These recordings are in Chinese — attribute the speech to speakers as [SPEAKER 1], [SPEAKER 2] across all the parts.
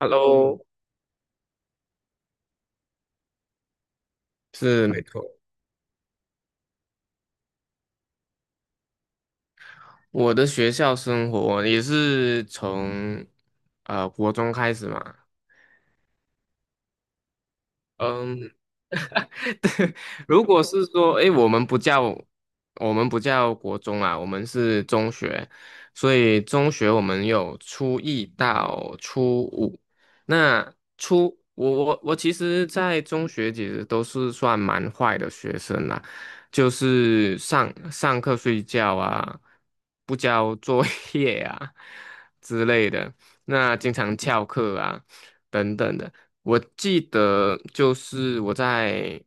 [SPEAKER 1] Hello，是没错。我的学校生活也是从国中开始嘛，嗯。如果是说，诶，我们不叫国中啊，我们是中学，所以中学我们有初一到初五。那初我我我其实，在中学其实都是算蛮坏的学生啦，就是上上课睡觉啊，不交作业啊之类的，那经常翘课啊等等的。我记得就是我在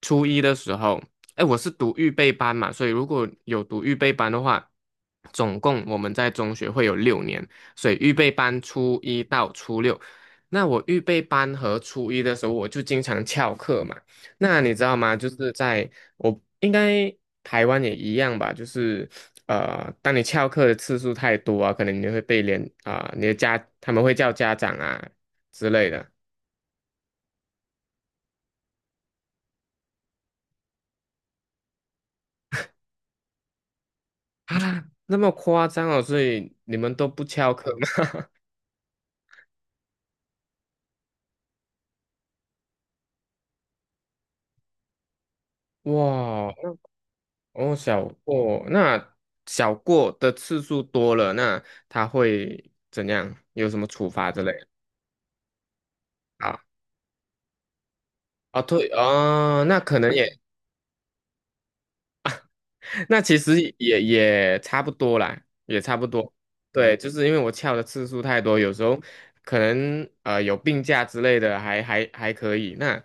[SPEAKER 1] 初一的时候，哎，我是读预备班嘛，所以如果有读预备班的话，总共我们在中学会有六年，所以预备班初一到初六。那我预备班和初一的时候，我就经常翘课嘛。那你知道吗？就是在我应该台湾也一样吧，就是当你翘课的次数太多啊，可能你会被连啊、你的家他们会叫家长啊之类的。啊，那么夸张哦，所以你们都不翘课吗？哇，哦，小过，那小过的次数多了，那他会怎样？有什么处罚之类的啊？哦，对，哦，那其实也差不多啦，也差不多。对，就是因为我翘的次数太多，有时候可能有病假之类的还可以。那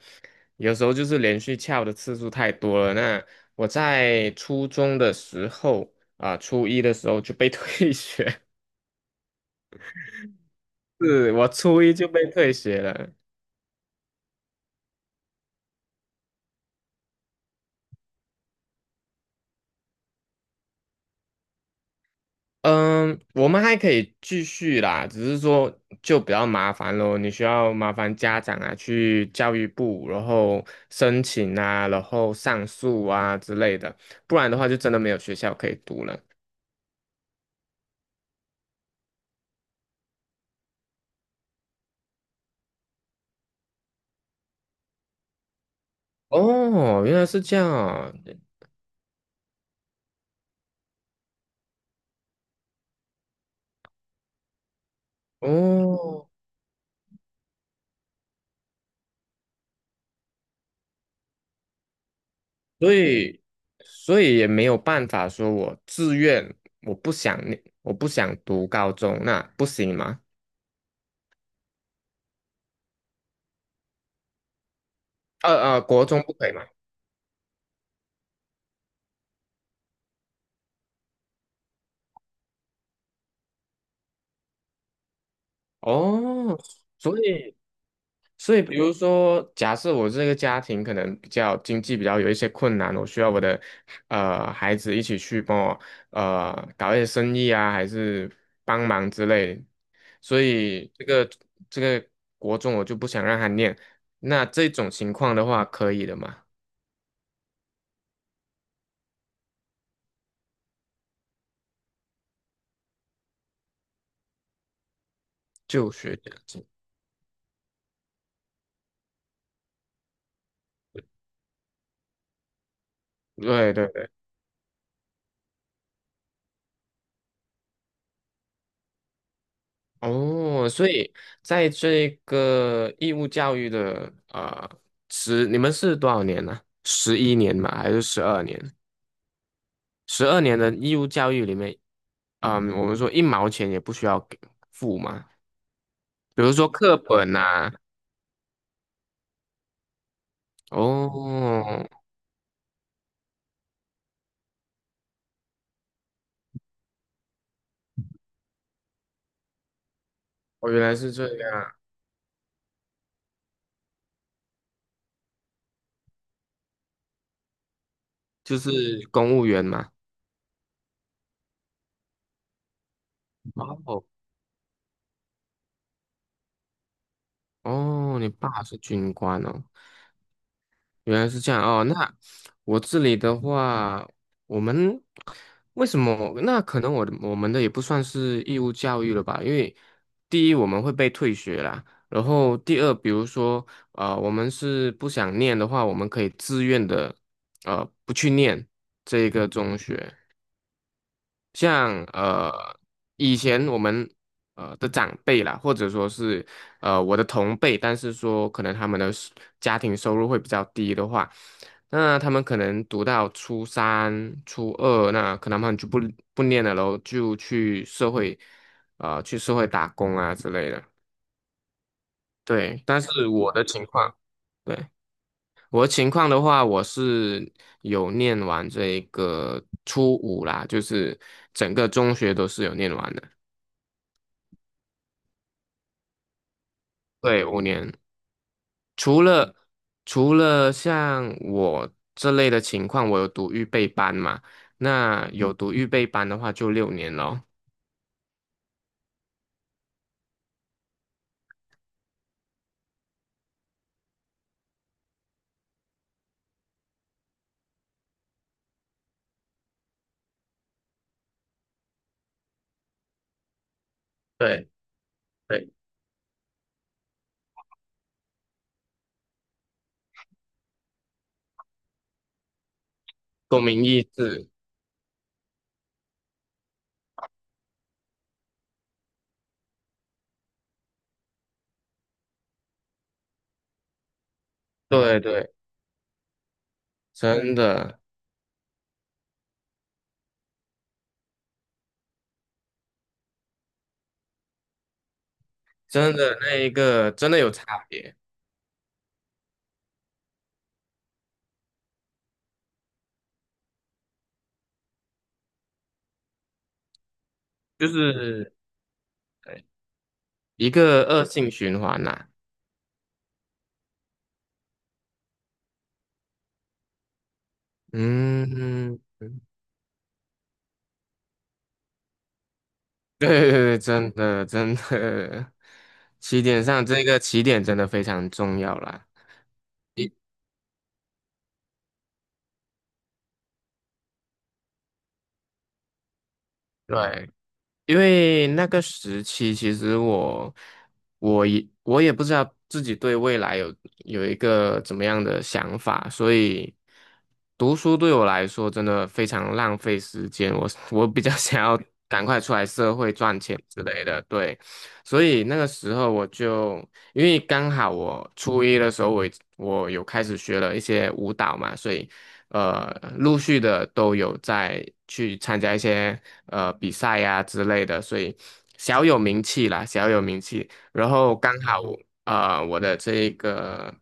[SPEAKER 1] 有时候就是连续翘的次数太多了。那我在初中的时候啊，初一的时候就被 退学，是我初一就被退学了。嗯，我们还可以继续啦，只是说就比较麻烦咯，你需要麻烦家长啊，去教育部，然后申请啊，然后上诉啊之类的，不然的话就真的没有学校可以读了。哦，原来是这样啊哦，所以所以也没有办法说我自愿，我不想念，我不想读高中，那不行吗？国中不可以吗？哦，所以。所以，比如说，假设我这个家庭可能比较经济比较有一些困难，我需要我的孩子一起去帮我搞一些生意啊，还是帮忙之类的，所以这个国中我就不想让他念。那这种情况的话，可以的嘛？就学奖金。对对对，哦，所以在这个义务教育的你们是多少年呢、11年嘛，还是十二年？十二年的义务教育里面，嗯，我们说一毛钱也不需要给付嘛，比如说课本呐、哦，哦，原来是这样，就是公务员嘛。哇哦，哦，你爸是军官哦，原来是这样哦，那我这里的话，我们为什么？那可能我们的也不算是义务教育了吧？因为第一我们会被退学啦，然后第二，比如说啊、我们是不想念的话，我们可以自愿的不去念这个中学。像以前我们的长辈啦，或者说是我的同辈，但是说可能他们的家庭收入会比较低的话，那他们可能读到初三、初二，那可能他们就不念了咯，就去社会打工啊之类的。对，但是我的情况，对，我的情况的话，我是有念完这个初五啦，就是整个中学都是有念完的。对，5年，除了除了像我这类的情况，我有读预备班嘛？那有读预备班的话，就六年咯。对对，共鸣意志，对对，真的真的那一个真的有差别，就是对一个恶性循环呐、嗯，对对对，真的真的，起点上这个起点真的非常重要啦。一对，因为那个时期，其实我也不知道自己对未来有一个怎么样的想法，所以读书对我来说真的非常浪费时间。我比较 想要赶快出来社会赚钱之类的，对。所以那个时候我就因为刚好我初一的时候我有开始学了一些舞蹈嘛，所以呃，陆续的都有在去参加一些比赛呀、之类的，所以小有名气啦，小有名气。然后刚好哦我的这个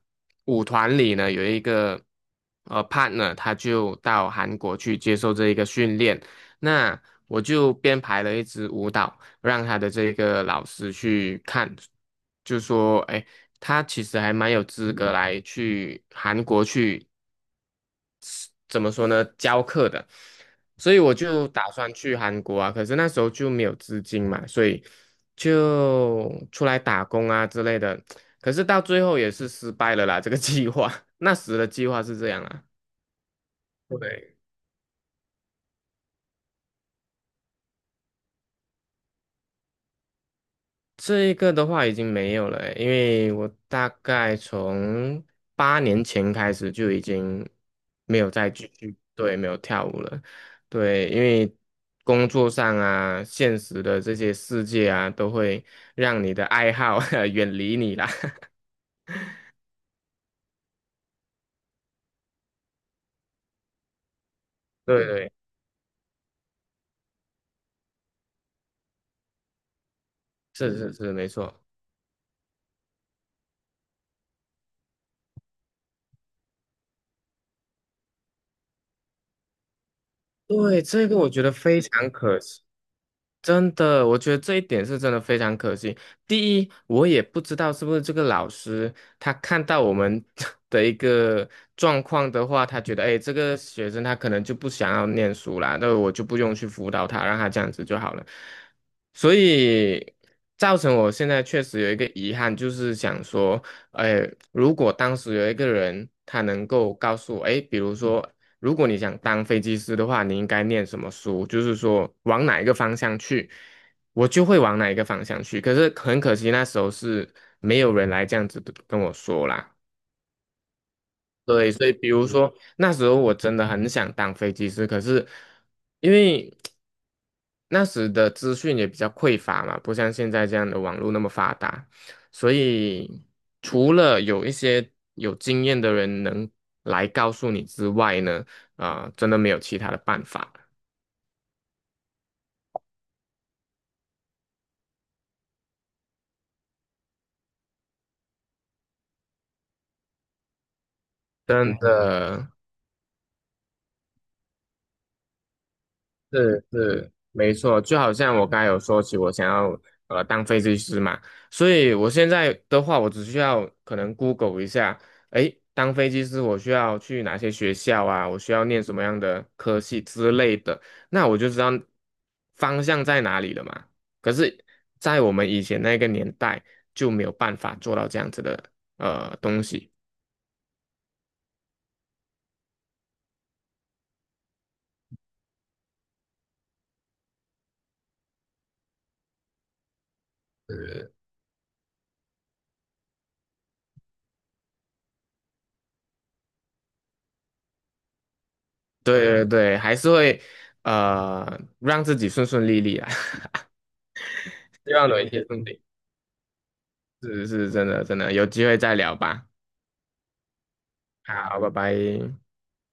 [SPEAKER 1] 舞团里呢有一个partner，他就到韩国去接受这一个训练，那我就编排了一支舞蹈，让他的这个老师去看，就说，哎，他其实还蛮有资格来去韩国去。怎么说呢，教课的，所以我就打算去韩国啊，可是那时候就没有资金嘛，所以就出来打工啊之类的，可是到最后也是失败了啦，这个计划，那时的计划是这样啊。对这一个的话已经没有了欸因为我大概从8年前开始就已经没有再继续，对，没有跳舞了。对，因为工作上啊，现实的这些世界啊，都会让你的爱好 远离你啦。对对，是是是，没错。对，这个我觉得非常可惜。真的，我觉得这一点是真的非常可惜。第一，我也不知道是不是这个老师他看到我们 的一个状况的话，他觉得，哎，这个学生他可能就不想要念书啦，那我就不用去辅导他，让他这样子就好了。所以造成我现在确实有一个遗憾，就是想说，哎，如果当时有一个人他能够告诉我，哎，比如说。如果你想当飞机师的话，你应该念什么书？就是说往哪一个方向去，我就会往哪一个方向去。可是很可惜，那时候是没有人来这样子跟我说啦。对，所以比如说那时候我真的很想当飞机师，可是因为那时的资讯也比较匮乏嘛，不像现在这样的网络那么发达，所以除了有一些有经验的人能来告诉你之外呢，啊、真的没有其他的办法，真的。是是，没错，就好像我刚才有说起，我想要当飞机师嘛，所以我现在的话，我只需要可能 Google 一下，诶，当飞机师我需要去哪些学校啊？我需要念什么样的科系之类的，那我就知道方向在哪里了嘛。可是，在我们以前那个年代就没有办法做到这样子的东西，对对对，还是会让自己顺顺利利啊，希望有一天顺利。是是真的真的，有机会再聊吧。好，拜拜。